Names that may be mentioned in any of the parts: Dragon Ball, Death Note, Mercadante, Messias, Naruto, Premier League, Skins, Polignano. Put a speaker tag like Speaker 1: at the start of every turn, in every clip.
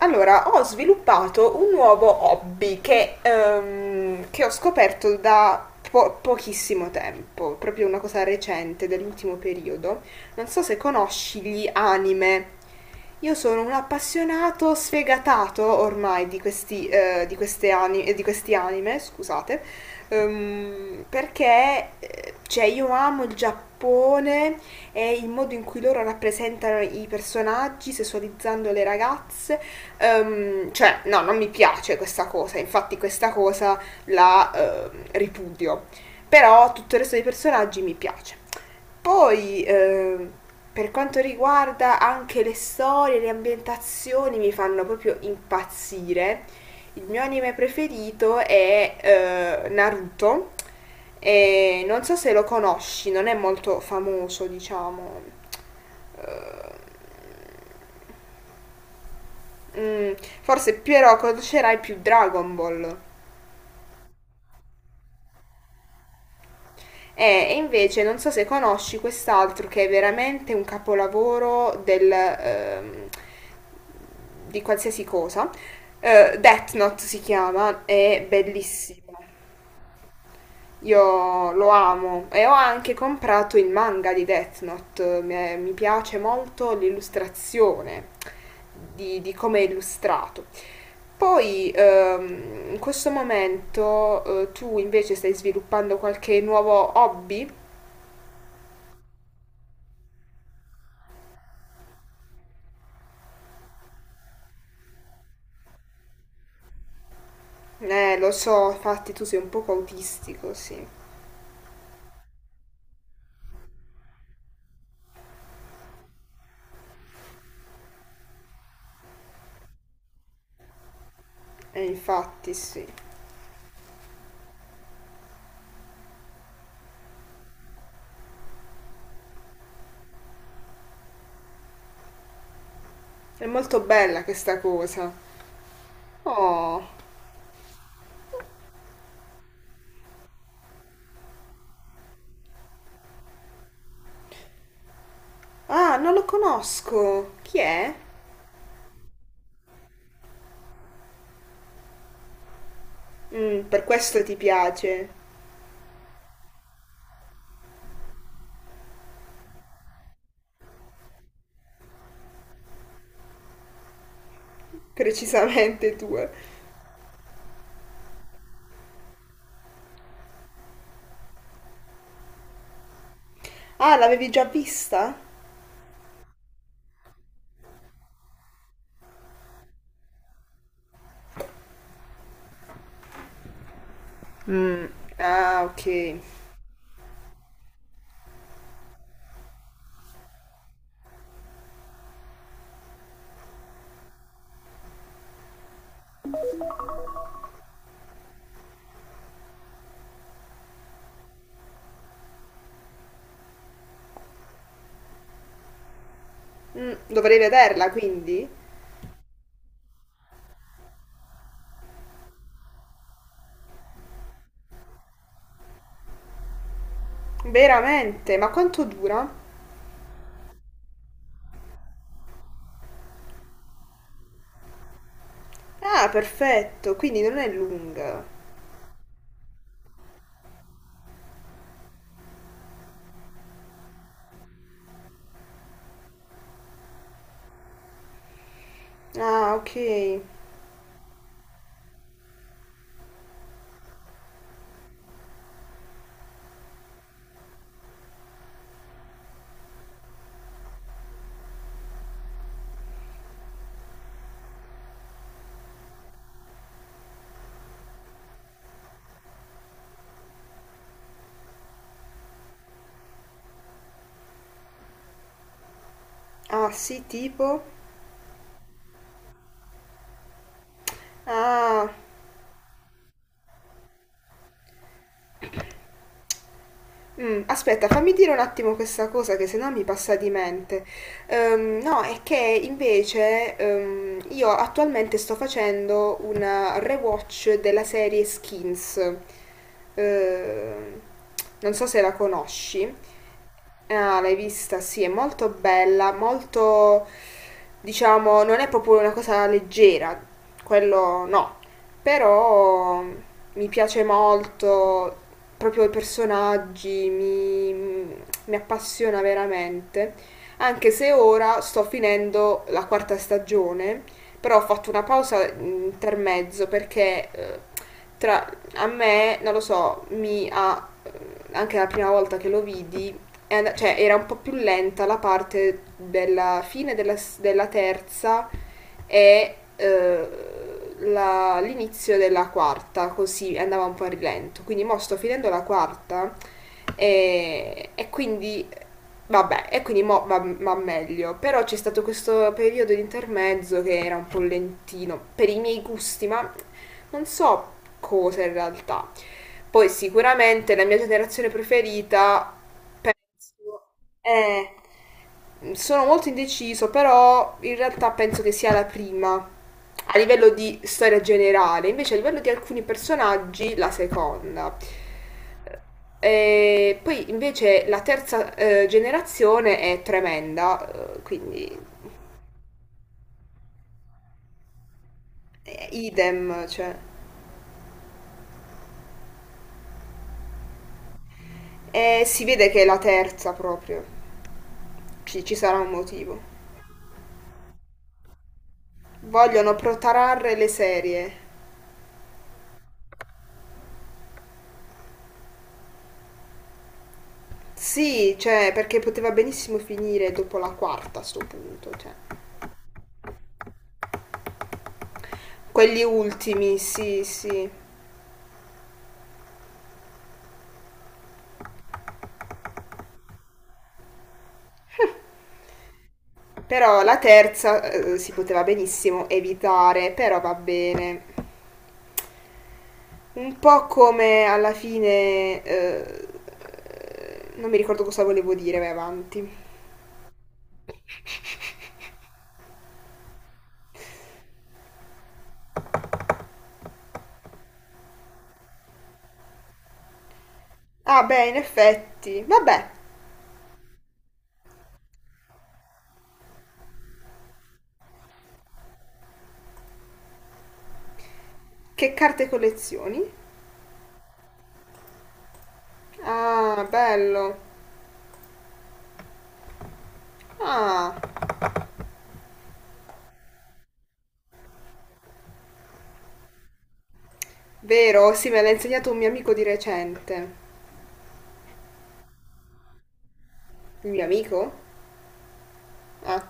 Speaker 1: Allora, ho sviluppato un nuovo hobby che ho scoperto da pochissimo tempo, proprio una cosa recente dell'ultimo periodo. Non so se conosci gli anime. Io sono un appassionato sfegatato ormai di questi, di queste di questi anime, scusate, perché cioè, io amo il Giappone e il modo in cui loro rappresentano i personaggi, sessualizzando le ragazze. Cioè, no, non mi piace questa cosa, infatti questa cosa la ripudio. Però tutto il resto dei personaggi mi piace. Poi, per quanto riguarda anche le storie, le ambientazioni, mi fanno proprio impazzire. Il mio anime preferito è Naruto. E non so se lo conosci, non è molto famoso, diciamo. Eh, mm, forse Piero conoscerai più Dragon Ball. E invece non so se conosci quest'altro che è veramente un capolavoro del, di qualsiasi cosa. Death Note si chiama, è bellissimo. Io lo amo e ho anche comprato il manga di Death Note. Mi piace molto l'illustrazione di come è illustrato. Poi in questo momento tu invece stai sviluppando qualche nuovo hobby? Lo so, infatti tu sei un poco autistico, sì. E infatti sì. È molto bella questa cosa. Oh, ah, non lo conosco. Chi è? Mm, per questo ti piace. Precisamente tu. Ah, l'avevi già vista? Mm, ah, ok. Mm, dovrei vederla quindi? Veramente? Ma quanto dura? Ah, perfetto, quindi non è lunga. Ah, ok. Ah, sì, tipo. Ah. Mm, aspetta, fammi dire un attimo questa cosa che sennò mi passa di mente. No, è che invece io attualmente sto facendo una rewatch della serie Skins. Ehm, non so se la conosci. Ah, l'hai vista? Sì, è molto bella, molto, diciamo, non è proprio una cosa leggera, quello no, però mi piace molto, proprio i personaggi, mi appassiona veramente. Anche se ora sto finendo la quarta stagione, però ho fatto una pausa intermezzo perché tra, a me, non lo so, mi ha, anche la prima volta che lo vidi, è cioè era un po' più lenta la parte della fine della, della terza e l'inizio della quarta, così andava un po' a rilento. Quindi mo sto finendo la quarta e quindi vabbè, e quindi mo va meglio. Però c'è stato questo periodo di intermezzo che era un po' lentino per i miei gusti, ma non so cosa in realtà. Poi sicuramente la mia generazione preferita, penso, eh, sono molto indeciso, però in realtà penso che sia la prima a livello di storia generale, invece a livello di alcuni personaggi la seconda. E poi invece la terza generazione è tremenda, quindi idem, cioè, e si vede che è la terza proprio, ci sarà un motivo. Vogliono protrarre le serie. Sì, cioè, perché poteva benissimo finire dopo la quarta a sto punto, cioè. Quelli ultimi, sì, sì. Però la terza si poteva benissimo evitare, però va bene. Un po' come alla fine... non mi ricordo cosa volevo dire, vai avanti. Ah, beh, in effetti. Vabbè, che carte collezioni? Ah, bello. Ah, vero? Sì, me l'ha insegnato un mio amico di recente. Il mio amico? Ah,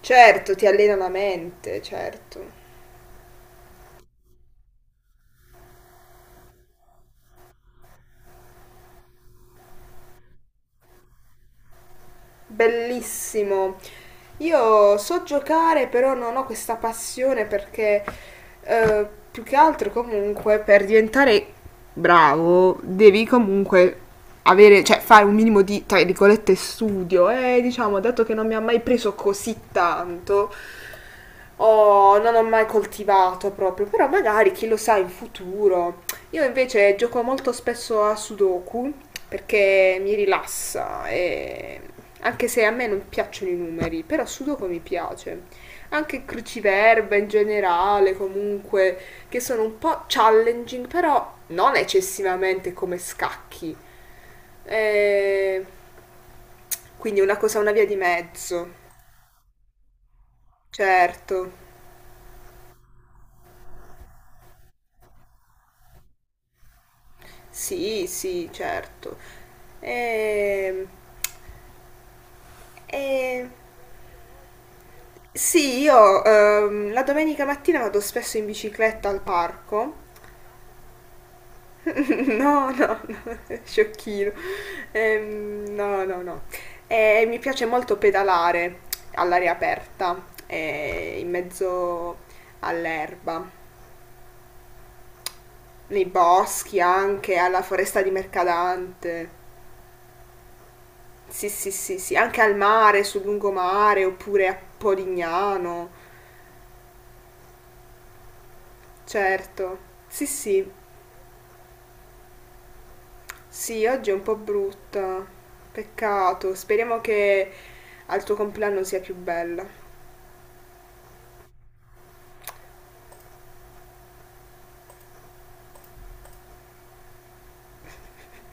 Speaker 1: certo, ti allena la mente, certo. Bellissimo. Io so giocare, però non ho questa passione perché più che altro comunque per diventare bravo devi comunque avere, cioè fare un minimo di, tra virgolette, studio e diciamo, dato che non mi ha mai preso così tanto, non ho mai coltivato proprio, però magari chi lo sa in futuro io invece gioco molto spesso a Sudoku perché mi rilassa e anche se a me non piacciono i numeri, però Sudoku mi piace. Anche cruciverba in generale, comunque, che sono un po' challenging, però non eccessivamente come scacchi. Eh, Quindi una cosa, una via di mezzo. Certo. Sì, sì, certo. Ehm, E, sì, io la domenica mattina vado spesso in bicicletta al parco. No, no, no, sciocchino. No, no, no. E mi piace molto pedalare all'aria aperta, in mezzo all'erba, nei boschi anche, alla foresta di Mercadante. Sì, sì, sì, sì, anche al mare, sul lungomare, oppure a Polignano, certo. Sì, sì. Sì, oggi è un po' brutta. Peccato. Speriamo che al tuo compleanno sia più bella.